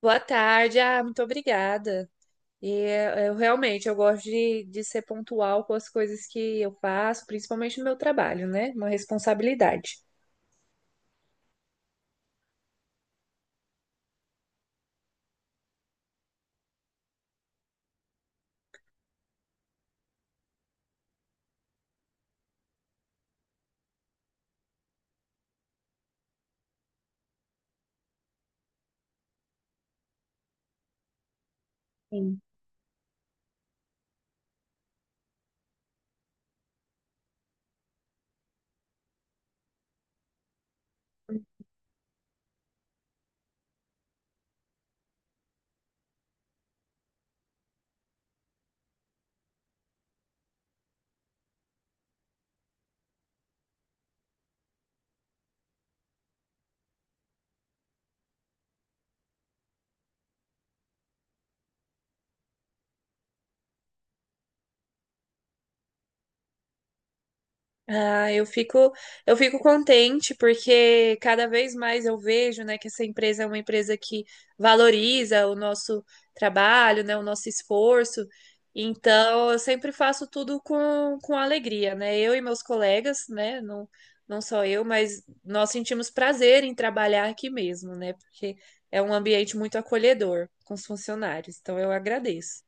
Boa tarde. Muito obrigada. E eh, eu realmente eu gosto de ser pontual com as coisas que eu faço, principalmente no meu trabalho, né? Uma responsabilidade. Sim. Ah, eu fico, eu fico contente porque cada vez mais eu vejo, né, que essa empresa é uma empresa que valoriza o nosso trabalho, né, o nosso esforço. Então, eu sempre faço tudo com alegria, né? Eu e meus colegas, né, não só eu, mas nós sentimos prazer em trabalhar aqui mesmo, né? Porque é um ambiente muito acolhedor com os funcionários. Então, eu agradeço.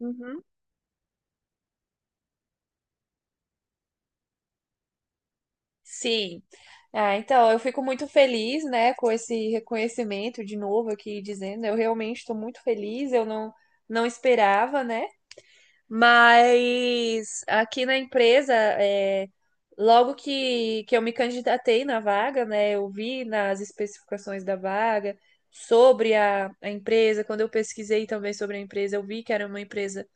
Uhum. Sim. Eu fico muito feliz, né, com esse reconhecimento de novo aqui dizendo. Eu realmente estou muito feliz, eu não, não esperava, né? Mas aqui na empresa, logo que eu me candidatei na vaga, né, eu vi nas especificações da vaga sobre a empresa. Quando eu pesquisei também sobre a empresa, eu vi que era uma empresa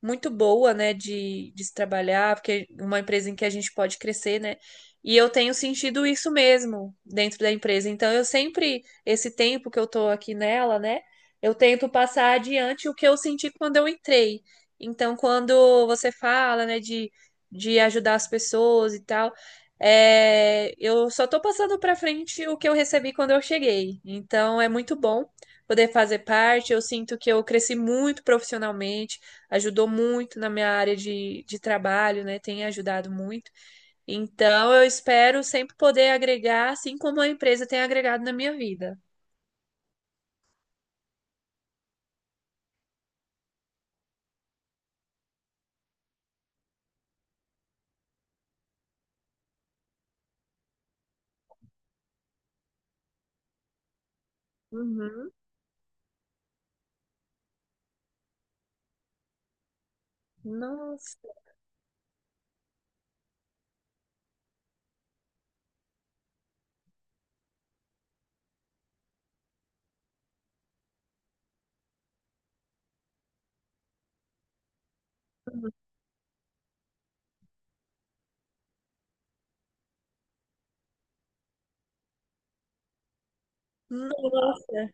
muito boa, né, de se trabalhar, porque é uma empresa em que a gente pode crescer, né? E eu tenho sentido isso mesmo dentro da empresa. Então, eu sempre, esse tempo que eu tô aqui nela, né, eu tento passar adiante o que eu senti quando eu entrei. Então, quando você fala, né, de ajudar as pessoas e tal, é, eu só tô passando para frente o que eu recebi quando eu cheguei. Então, é muito bom poder fazer parte. Eu sinto que eu cresci muito profissionalmente, ajudou muito na minha área de trabalho, né? Tem ajudado muito. Então, eu espero sempre poder agregar, assim como a empresa tem agregado na minha vida. Uhum. Nossa, nossa.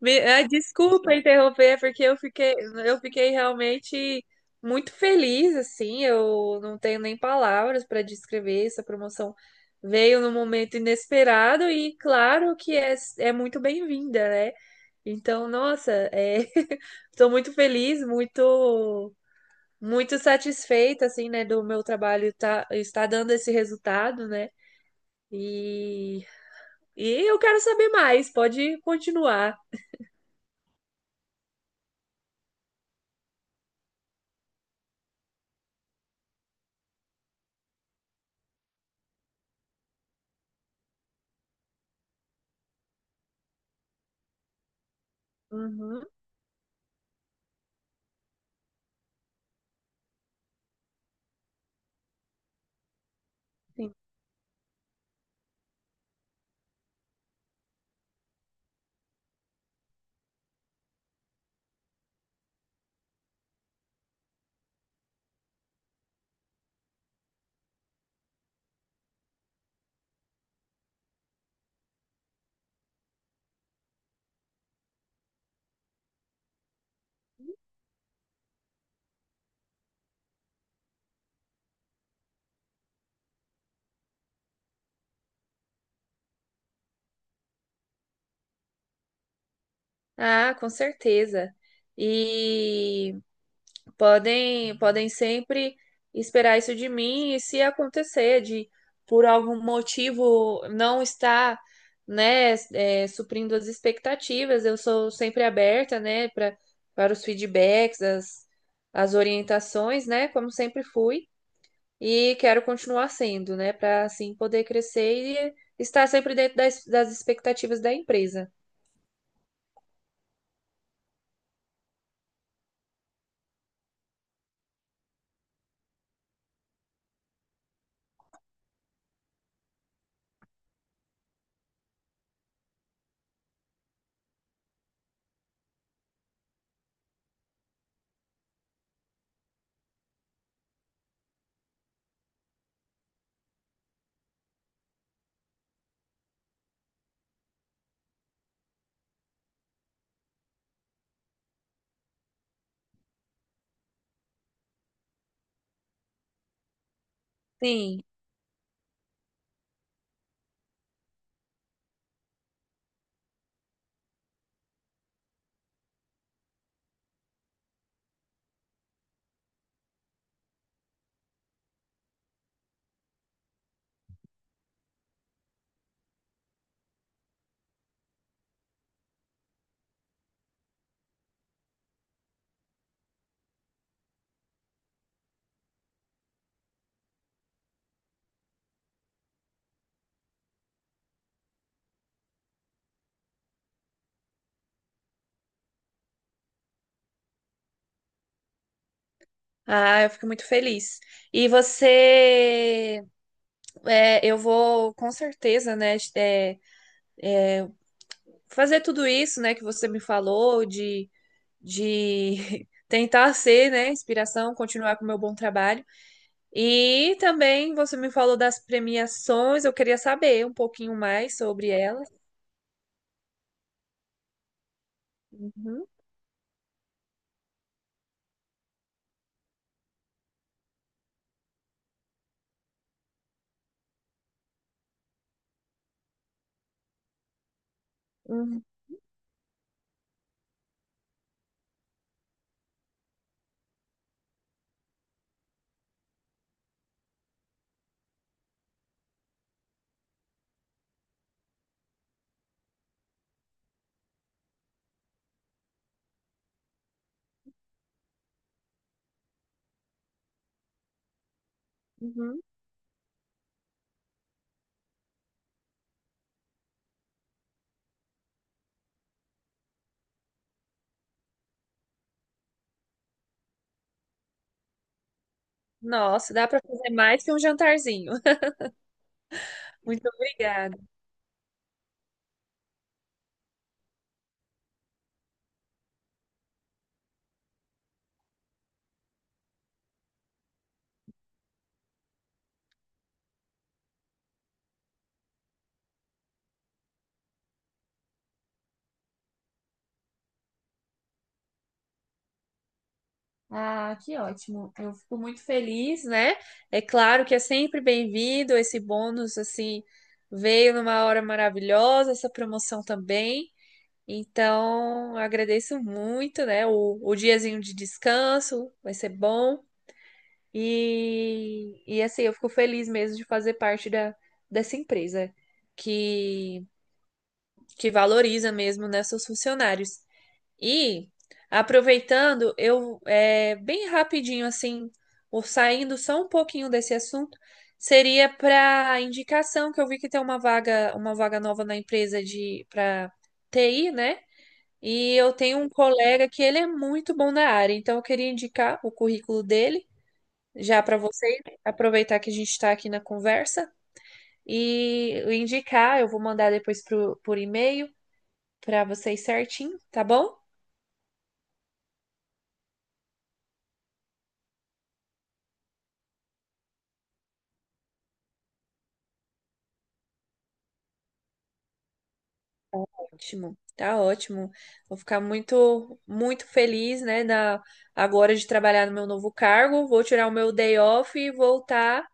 Desculpa interromper, porque eu fiquei realmente muito feliz, assim. Eu não tenho nem palavras para descrever essa promoção. Veio num momento inesperado e claro que é muito bem-vinda, né? Então, nossa, é... estou muito feliz, muito, muito satisfeita, assim, né, do meu trabalho tá, estar dando esse resultado, né? E, e eu quero saber mais, pode continuar. Uhum, sim. Ah, com certeza. E podem sempre esperar isso de mim, e se acontecer de por algum motivo não estar suprindo as expectativas, eu sou sempre aberta, né, para os feedbacks, as orientações, né, como sempre fui e quero continuar sendo, né, para assim poder crescer e estar sempre dentro das expectativas da empresa. Sim. Ah, eu fico muito feliz. E você. Eu vou com certeza, né, fazer tudo isso, né, que você me falou, de tentar ser, né, inspiração, continuar com o meu bom trabalho. E também você me falou das premiações, eu queria saber um pouquinho mais sobre elas. Uhum, uhum, uhum. Nossa, dá para fazer mais que um jantarzinho. Muito obrigada. Ah, que ótimo. Eu fico muito feliz, né? É claro que é sempre bem-vindo esse bônus assim, veio numa hora maravilhosa, essa promoção também. Então, eu agradeço muito, né? O diazinho de descanso vai ser bom. E assim, eu fico feliz mesmo de fazer parte da, dessa empresa que, que valoriza mesmo, né, seus funcionários. E aproveitando, bem rapidinho assim, ou saindo só um pouquinho desse assunto, seria para indicação que eu vi que tem uma vaga nova na empresa de para TI, né? E eu tenho um colega que ele é muito bom na área, então eu queria indicar o currículo dele já para vocês, aproveitar que a gente está aqui na conversa e indicar. Eu vou mandar depois por e-mail para vocês certinho, tá bom? Ótimo, tá ótimo. Vou ficar muito, muito feliz, né, na, agora de trabalhar no meu novo cargo. Vou tirar o meu day off e voltar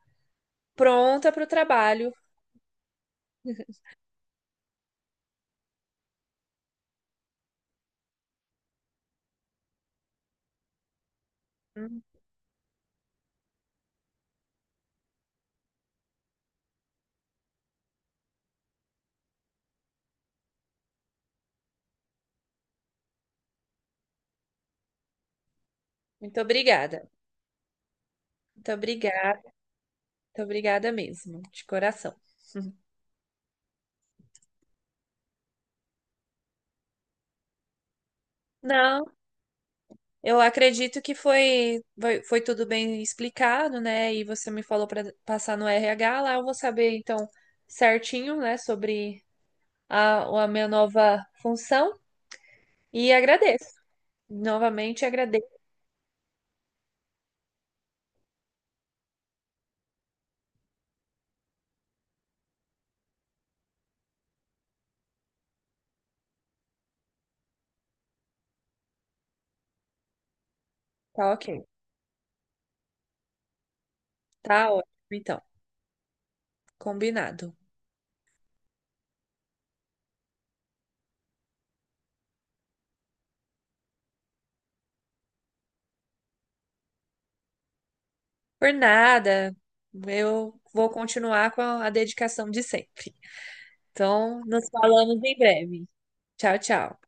pronta para o trabalho. Hum. Muito obrigada. Muito obrigada. Muito obrigada mesmo, de coração. Não, eu acredito que foi, foi tudo bem explicado, né? E você me falou para passar no RH lá, eu vou saber então certinho, né, sobre a minha nova função e agradeço. Novamente agradeço. Tá ok. Tá ótimo, então. Combinado. Por nada. Eu vou continuar com a dedicação de sempre. Então, nos falamos em breve. Tchau, tchau.